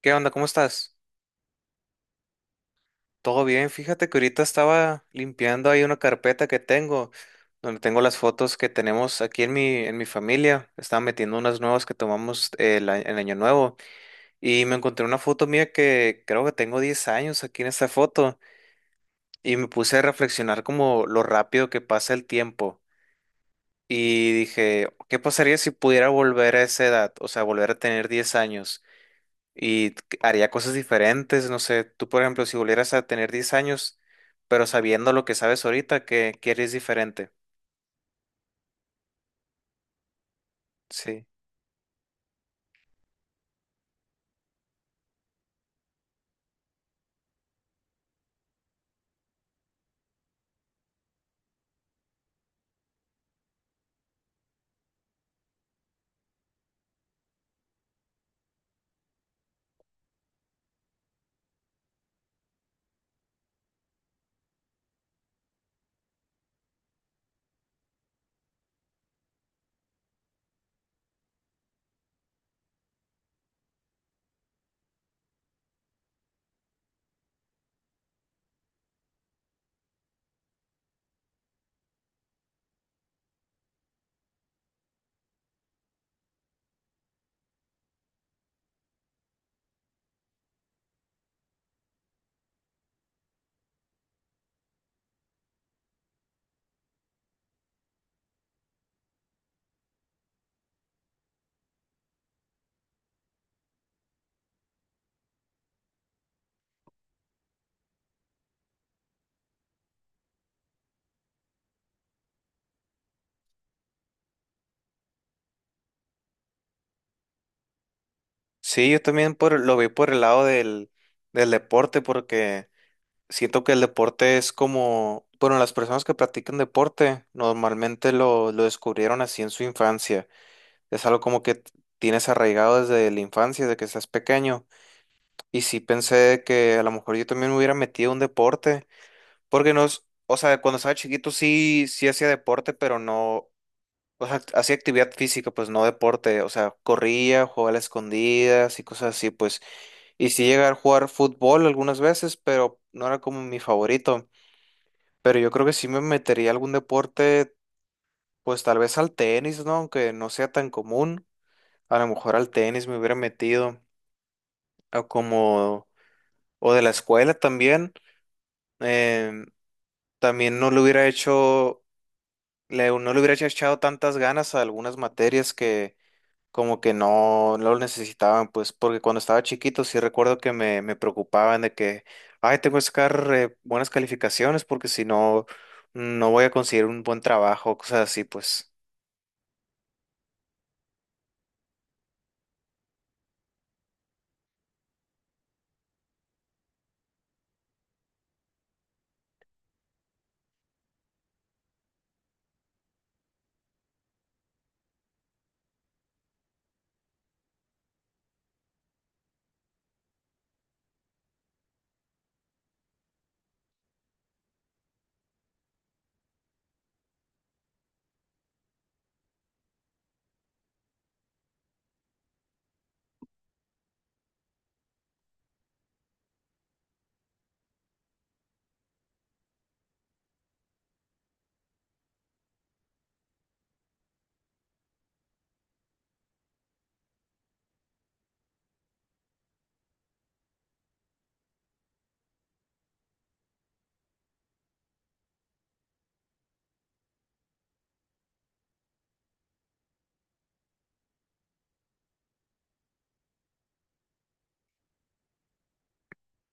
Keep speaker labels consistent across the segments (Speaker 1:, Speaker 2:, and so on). Speaker 1: ¿Qué onda? ¿Cómo estás? Todo bien, fíjate que ahorita estaba limpiando ahí una carpeta que tengo, donde tengo las fotos que tenemos aquí en mi familia. Estaba metiendo unas nuevas que tomamos el año nuevo y me encontré una foto mía que creo que tengo 10 años aquí en esta foto y me puse a reflexionar como lo rápido que pasa el tiempo y dije, ¿qué pasaría si pudiera volver a esa edad? O sea, volver a tener 10 años. Haría cosas diferentes. No sé, tú, por ejemplo, si volvieras a tener 10 años, pero sabiendo lo que sabes ahorita, ¿qué quieres diferente? Sí. Sí, yo también por, lo veo por el lado del deporte, porque siento que el deporte es como, bueno, las personas que practican deporte normalmente lo descubrieron así en su infancia. Es algo como tienes arraigado desde la infancia, desde que estás pequeño. Y sí pensé que a lo mejor yo también me hubiera metido a un deporte. Porque nos, o sea, cuando estaba chiquito sí, sí hacía deporte, pero no, o sea, hacía actividad física, pues no deporte, o sea, corría, jugaba a las escondidas y cosas así, pues. Y sí llegué a jugar fútbol algunas veces, pero no era como mi favorito. Pero yo creo que sí me metería a algún deporte, pues tal vez al tenis, ¿no? Aunque no sea tan común, a lo mejor al tenis me hubiera metido, o como, o de la escuela también. Em, También no lo hubiera hecho, no le hubiera echado tantas ganas a algunas materias que como que no, no lo necesitaban, pues porque cuando estaba chiquito sí recuerdo que me preocupaban de que, ay, tengo que sacar buenas calificaciones porque si no, no voy a conseguir un buen trabajo, cosas así, pues.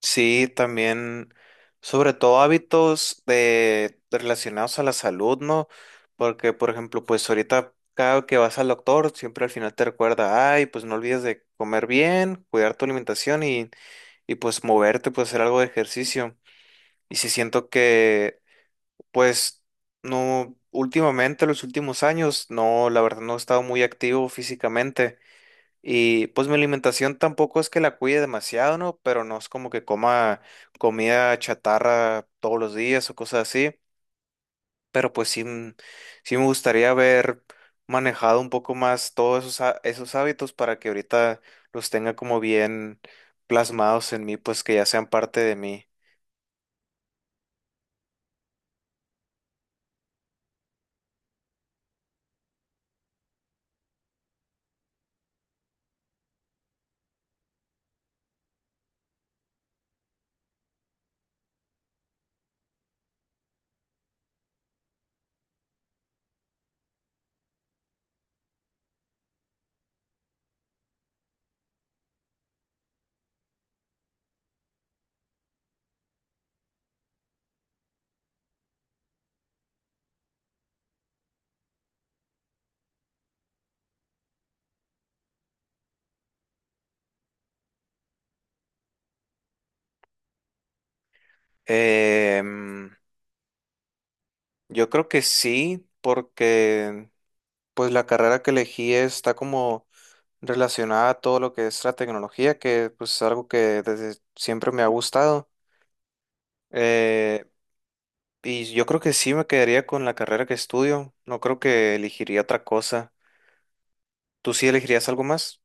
Speaker 1: Sí, también, sobre todo hábitos de relacionados a la salud, ¿no? Porque, por ejemplo, pues ahorita cada que vas al doctor, siempre al final te recuerda, ay, pues no olvides de comer bien, cuidar tu alimentación y pues moverte, pues hacer algo de ejercicio. Y si siento que, pues, no, últimamente, los últimos años, no, la verdad no he estado muy activo físicamente. Y pues mi alimentación tampoco es que la cuide demasiado, ¿no? Pero no es como que coma comida chatarra todos los días o cosas así. Pero pues sí me gustaría haber manejado un poco más todos esos hábitos para que ahorita los tenga como bien plasmados en mí, pues que ya sean parte de mí. Em, yo creo que sí, porque pues la carrera que elegí está como relacionada a todo lo que es la tecnología, que pues es algo que desde siempre me ha gustado. Eh, y yo creo que sí me quedaría con la carrera que estudio. No creo que elegiría otra cosa. ¿Tú sí elegirías algo más?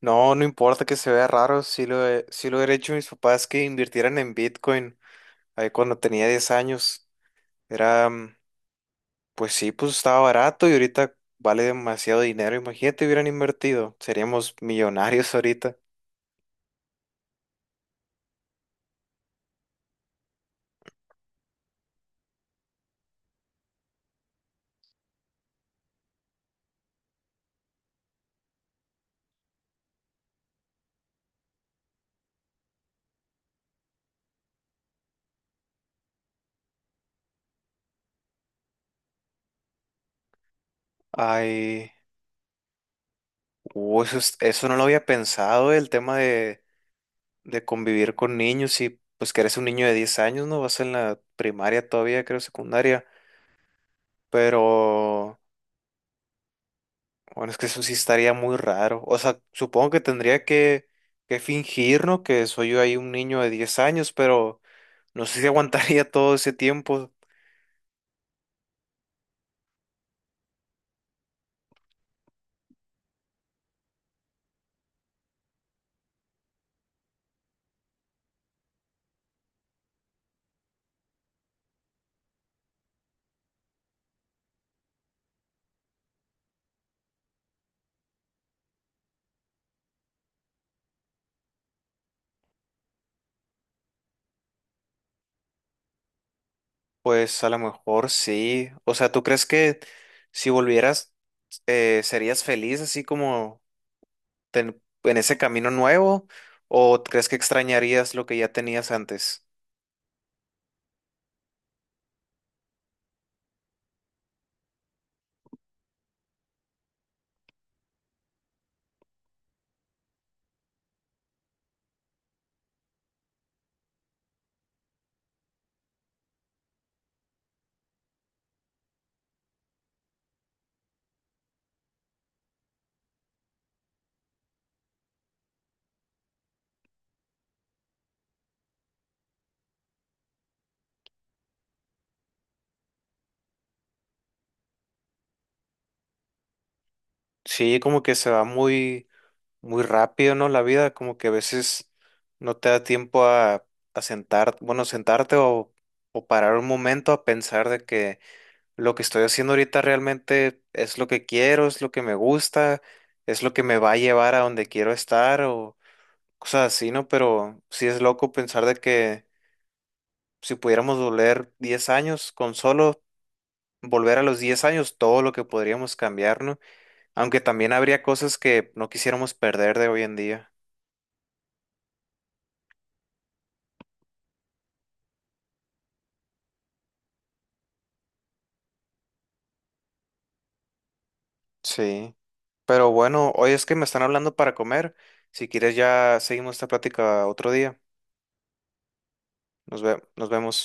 Speaker 1: No, no importa que se vea raro, sí lo he hecho mis papás que invirtieran en Bitcoin ahí cuando tenía 10 años. Era pues sí, pues estaba barato y ahorita vale demasiado dinero. Imagínate, hubieran invertido. Seríamos millonarios ahorita. Ay, eso, eso no lo había pensado, el tema de convivir con niños y pues que eres un niño de 10 años, ¿no? Vas en la primaria todavía, creo, secundaria. Pero, bueno, es que eso sí estaría muy raro. O sea, supongo que tendría que fingir, ¿no? Que soy yo ahí un niño de 10 años, pero no sé si aguantaría todo ese tiempo. Pues a lo mejor sí. O sea, ¿tú crees que si volvieras serías feliz así como en ese camino nuevo? ¿O crees que extrañarías lo que ya tenías antes? Sí, como que se va muy, muy rápido, ¿no? La vida, como que a veces no te da tiempo a sentar, bueno, sentarte o parar un momento a pensar de que lo que estoy haciendo ahorita realmente es lo que quiero, es lo que me gusta, es lo que me va a llevar a donde quiero estar o cosas así, ¿no? Pero sí es loco pensar de que si pudiéramos volver 10 años, con solo volver a los 10 años, todo lo que podríamos cambiar, ¿no? Aunque también habría cosas que no quisiéramos perder de hoy en día. Sí. Pero bueno, hoy es que me están hablando para comer. Si quieres ya seguimos esta plática otro día. Nos vemos.